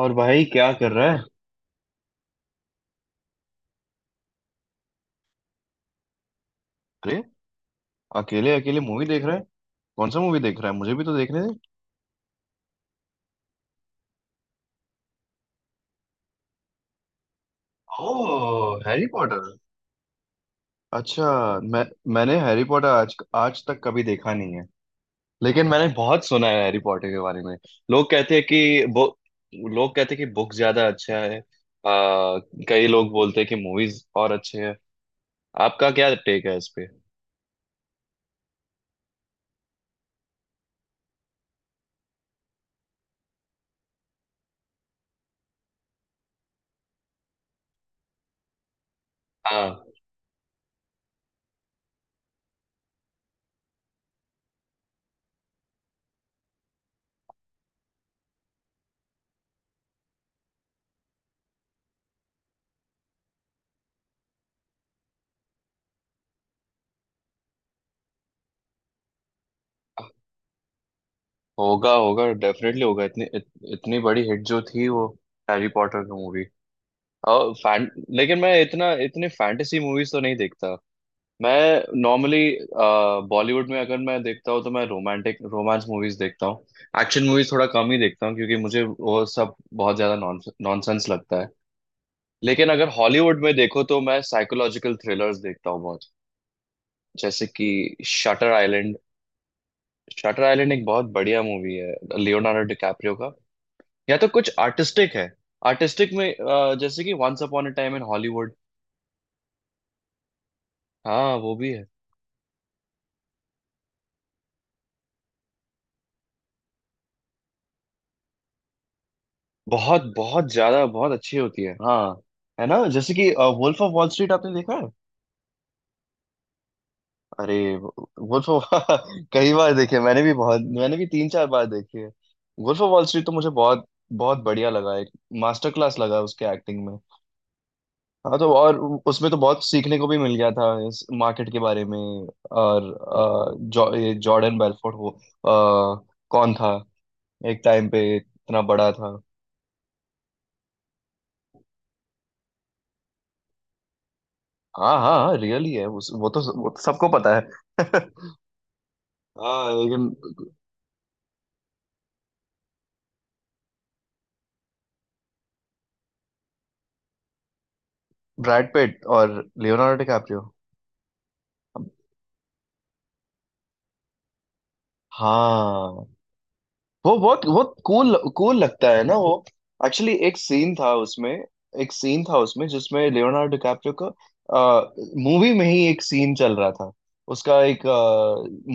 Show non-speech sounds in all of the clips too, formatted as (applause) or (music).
और भाई क्या कर रहा है। अरे अकेले अकेले मूवी देख रहा है। कौन सा मूवी देख रहा है, मुझे भी तो देखने दे। ओह हैरी पॉटर, अच्छा। मैं मैंने हैरी पॉटर आज आज तक कभी देखा नहीं है, लेकिन मैंने बहुत सुना है हैरी पॉटर के बारे में। लोग कहते हैं कि बो लोग कहते हैं कि बुक ज्यादा अच्छा है। कई लोग बोलते हैं कि मूवीज और अच्छे हैं। आपका क्या टेक है इस पे। हाँ होगा होगा डेफिनेटली होगा। इतनी बड़ी हिट जो थी वो हैरी पॉटर की मूवी और फैन। लेकिन मैं इतना इतनी फैंटेसी मूवीज तो नहीं देखता। मैं नॉर्मली बॉलीवुड में अगर मैं देखता हूँ तो मैं रोमांटिक रोमांस मूवीज देखता हूँ। एक्शन मूवीज थोड़ा कम ही देखता हूँ, क्योंकि मुझे वो सब बहुत ज्यादा नॉनसेंस लगता है। लेकिन अगर हॉलीवुड में देखो तो मैं साइकोलॉजिकल थ्रिलर्स देखता हूँ बहुत। जैसे कि शटर आइलैंड। शटर आइलैंड एक बहुत बढ़िया मूवी है, लियोनार्डो डिकैप्रियो का। या तो कुछ आर्टिस्टिक है। आर्टिस्टिक में जैसे कि once upon a time in Hollywood. हाँ वो भी है। बहुत बहुत ज्यादा बहुत अच्छी होती है हाँ। है ना, जैसे कि वुल्फ ऑफ वॉल स्ट्रीट आपने देखा है। अरे वुल्फ ऑफ (laughs) कई बार देखी है, मैंने भी बहुत, मैंने भी 3 4 बार देखी है। वुल्फ ऑफ वॉल स्ट्रीट तो मुझे बहुत बहुत बढ़िया लगा। एक मास्टर क्लास लगा उसके एक्टिंग में। हाँ तो और उसमें तो बहुत सीखने को भी मिल गया था इस मार्केट के बारे में। और ये जॉर्डन बेलफोर्ड वो कौन था, एक टाइम पे इतना बड़ा था। हाँ हाँ हाँ, रियली है वो तो सबको पता है (laughs) हाँ लेकिन ब्रैड पिट और लियोनार्डो डिकैप्रियो। हाँ वो बहुत बहुत कूल कूल लगता है ना वो। एक्चुअली एक सीन था उसमें। एक सीन था उसमें जिसमें लियोनार्डो डिकैप्रियो का मूवी में ही एक सीन चल रहा था। उसका एक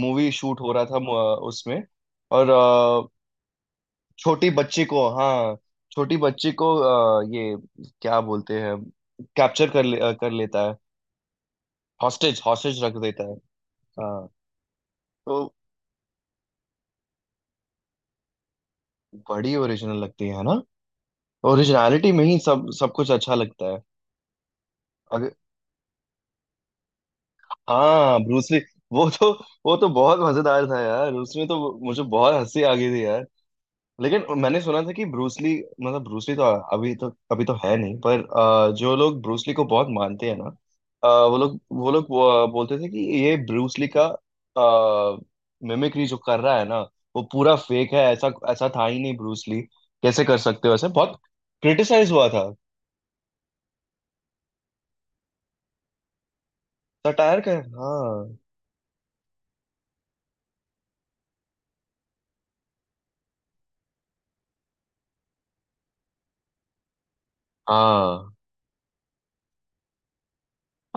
मूवी शूट हो रहा था उसमें। और छोटी बच्ची को, हाँ छोटी बच्ची को, ये क्या बोलते हैं, कैप्चर कर ले, अ, कर लेता है। हॉस्टेज हॉस्टेज रख देता है। हाँ तो बड़ी ओरिजिनल लगती है ना। ओरिजिनलिटी में ही सब सब कुछ अच्छा लगता है। अगर हाँ ब्रूसली, वो तो वो तो बहुत मजेदार था यार। उसमें तो मुझे बहुत हंसी आ गई थी यार। लेकिन मैंने सुना था कि ब्रूसली, मतलब ब्रूसली तो अभी तो है नहीं, पर जो लोग ब्रूसली को बहुत मानते हैं ना, वो लोग बोलते थे कि ये ब्रूसली का मिमिक्री जो कर रहा है ना, वो पूरा फेक है। ऐसा ऐसा था ही नहीं ब्रूसली, कैसे कर सकते हो ऐसे। बहुत क्रिटिसाइज हुआ था। सटायर का हाँ हाँ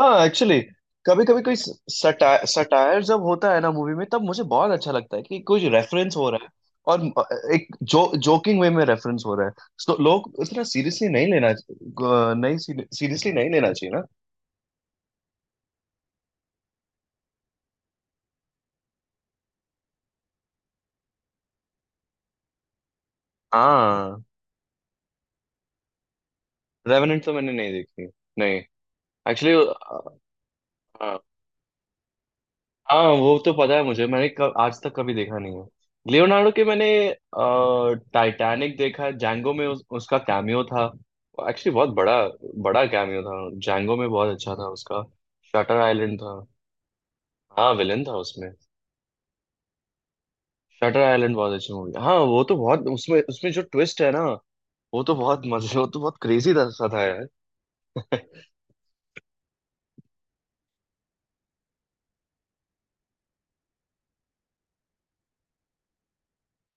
हाँ। एक्चुअली कभी कभी कोई सटायर सटायर जब होता है ना मूवी में, तब मुझे बहुत अच्छा लगता है कि कुछ रेफरेंस हो रहा है। और एक जो जोकिंग वे में रेफरेंस हो रहा है, तो लोग इतना सीरियसली नहीं सीरियसली नहीं लेना चाहिए ना। हाँ रेवेनेंट तो मैंने नहीं देखी, नहीं। एक्चुअली हाँ वो तो पता है मुझे, मैंने कब आज तक कभी देखा नहीं है लियोनार्डो के। मैंने टाइटैनिक देखा है, जैंगो में उसका कैमियो था, एक्चुअली बहुत बड़ा, बड़ा कैमियो था जैंगो में, बहुत अच्छा था उसका। शटर आइलैंड था। हाँ विलन था उसमें। शटर आइलैंड बहुत अच्छी मूवी हाँ, वो तो बहुत, उसमें उसमें जो ट्विस्ट है ना, वो तो बहुत क्रेजी सा था यार (laughs)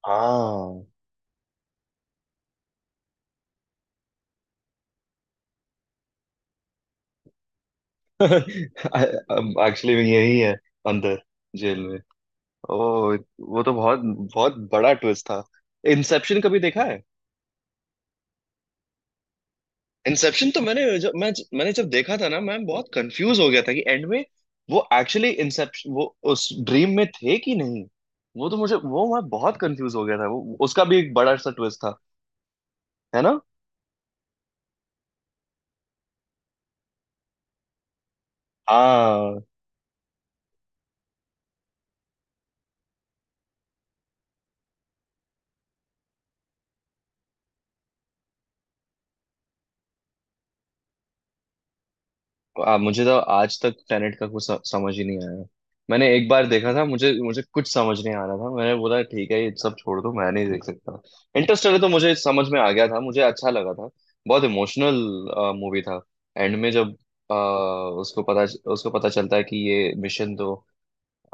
हाँ (laughs) एक्चुअली यही है। अंदर जेल में, ओ वो तो बहुत बहुत बड़ा ट्विस्ट था। इंसेप्शन कभी देखा है। इंसेप्शन तो मैंने जब मैं मैंने जब देखा था ना, मैं बहुत कंफ्यूज हो गया था कि एंड में वो एक्चुअली इंसेप्शन वो उस ड्रीम में थे कि नहीं। वो तो मुझे वो मैं बहुत कंफ्यूज हो गया था, वो उसका भी एक बड़ा सा ट्विस्ट था है ना। हाँ मुझे तो आज तक टेनेट का समझ ही नहीं आया। मैंने एक बार देखा था, मुझे मुझे कुछ समझ नहीं आ रहा था। मैंने बोला ठीक है ये सब छोड़ दो, मैं नहीं देख सकता। इंटरस्टेलर तो मुझे समझ में आ गया था, मुझे अच्छा लगा था। बहुत इमोशनल मूवी था। एंड में जब आ, उसको पता उसको पता चलता है कि ये मिशन तो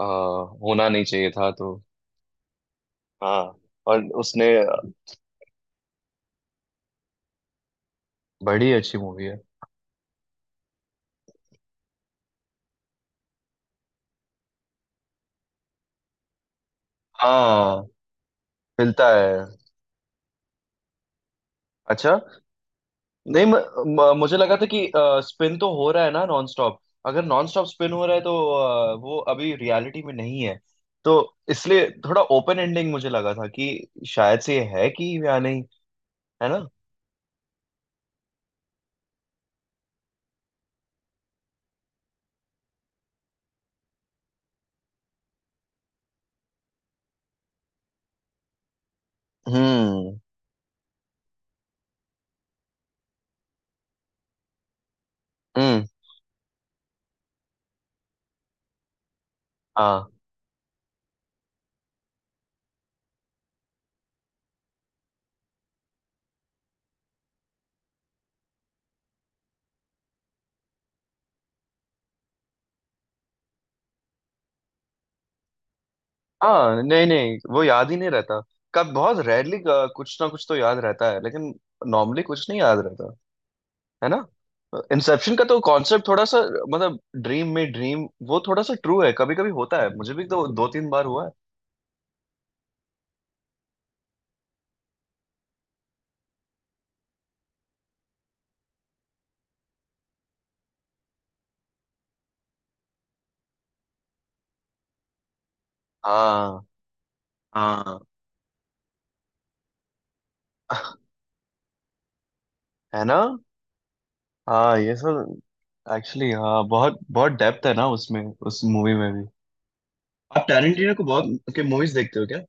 आ, होना नहीं चाहिए था, तो हाँ और उसने। बड़ी अच्छी मूवी है हाँ। मिलता है अच्छा। नहीं म, म, मुझे लगा था कि स्पिन तो हो रहा है ना नॉन स्टॉप। अगर नॉन स्टॉप स्पिन हो रहा है, तो वो अभी रियलिटी में नहीं है। तो इसलिए थोड़ा ओपन एंडिंग मुझे लगा था कि शायद से ये है कि या नहीं, है ना। हम्म। हम्म। हाँ हाँ नहीं नहीं, वो याद ही नहीं रहता। कब बहुत रेयरली कुछ ना कुछ तो याद रहता है, लेकिन नॉर्मली कुछ नहीं याद रहता, है ना। इंसेप्शन का तो कॉन्सेप्ट थोड़ा सा, मतलब ड्रीम में ड्रीम वो थोड़ा सा ट्रू है, कभी कभी होता है। मुझे भी तो 2 3 बार हुआ है। हाँ हाँ (laughs) है ना। हाँ ये सब एक्चुअली, हाँ बहुत बहुत डेप्थ है ना उसमें, उस मूवी में भी। आप टैरेंटिनो को बहुत के मूवीज देखते हो क्या।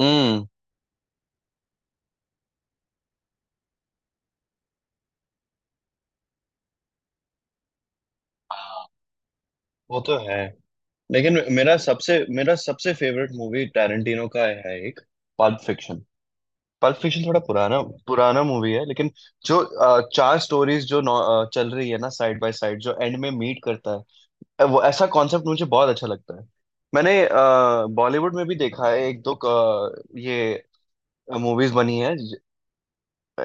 हम्म वो तो है। लेकिन मेरा सबसे फेवरेट मूवी टैरेंटिनो का है एक, पल्प फिक्शन। पल्प फिक्शन थोड़ा पुराना पुराना मूवी है। लेकिन जो चार स्टोरीज चल रही है ना साइड बाय साइड, जो एंड में मीट करता है, वो ऐसा कॉन्सेप्ट मुझे बहुत अच्छा लगता है। मैंने बॉलीवुड में भी देखा है एक दो, अ, ये मूवीज बनी है।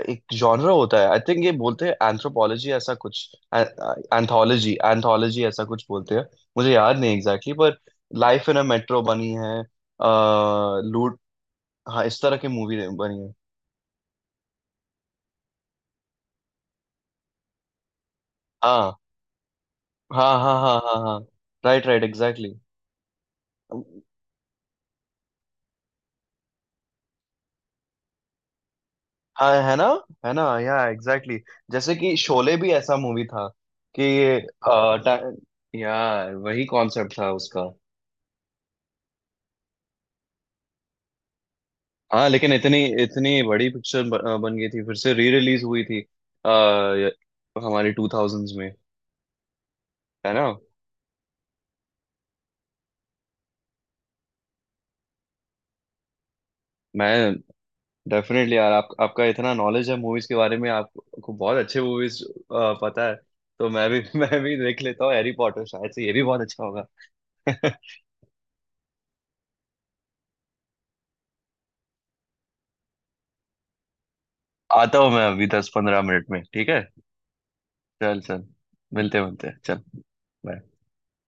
एक जॉनरा होता है, आई थिंक ये बोलते हैं एंथ्रोपोलॉजी ऐसा कुछ, एंथोलॉजी एंथोलॉजी ऐसा कुछ बोलते हैं। मुझे याद नहीं एग्जैक्टली exactly, पर लाइफ इन अ मेट्रो बनी है, लूट, हाँ इस तरह की मूवी बनी है। हाँ हाँ हाँ हाँ हाँ हाँ। Right right exactly. हाँ है ना। Exactly exactly। जैसे कि शोले भी ऐसा मूवी था कि आ, टा- यार वही कॉन्सेप्ट था उसका। हाँ लेकिन इतनी इतनी बड़ी पिक्चर बन गई थी, फिर से री रिलीज हुई थी आ, हमारी 2000s में, है ना। मैं डेफिनेटली यार आपका इतना नॉलेज है मूवीज के बारे में, आपको बहुत अच्छे मूवीज पता है। तो मैं भी (laughs) मैं भी देख लेता हूँ हैरी पॉटर, शायद से ये भी बहुत अच्छा होगा (laughs) आता हूँ मैं अभी 10 15 मिनट में, ठीक है। चल चल मिलते मिलते चल। बाय।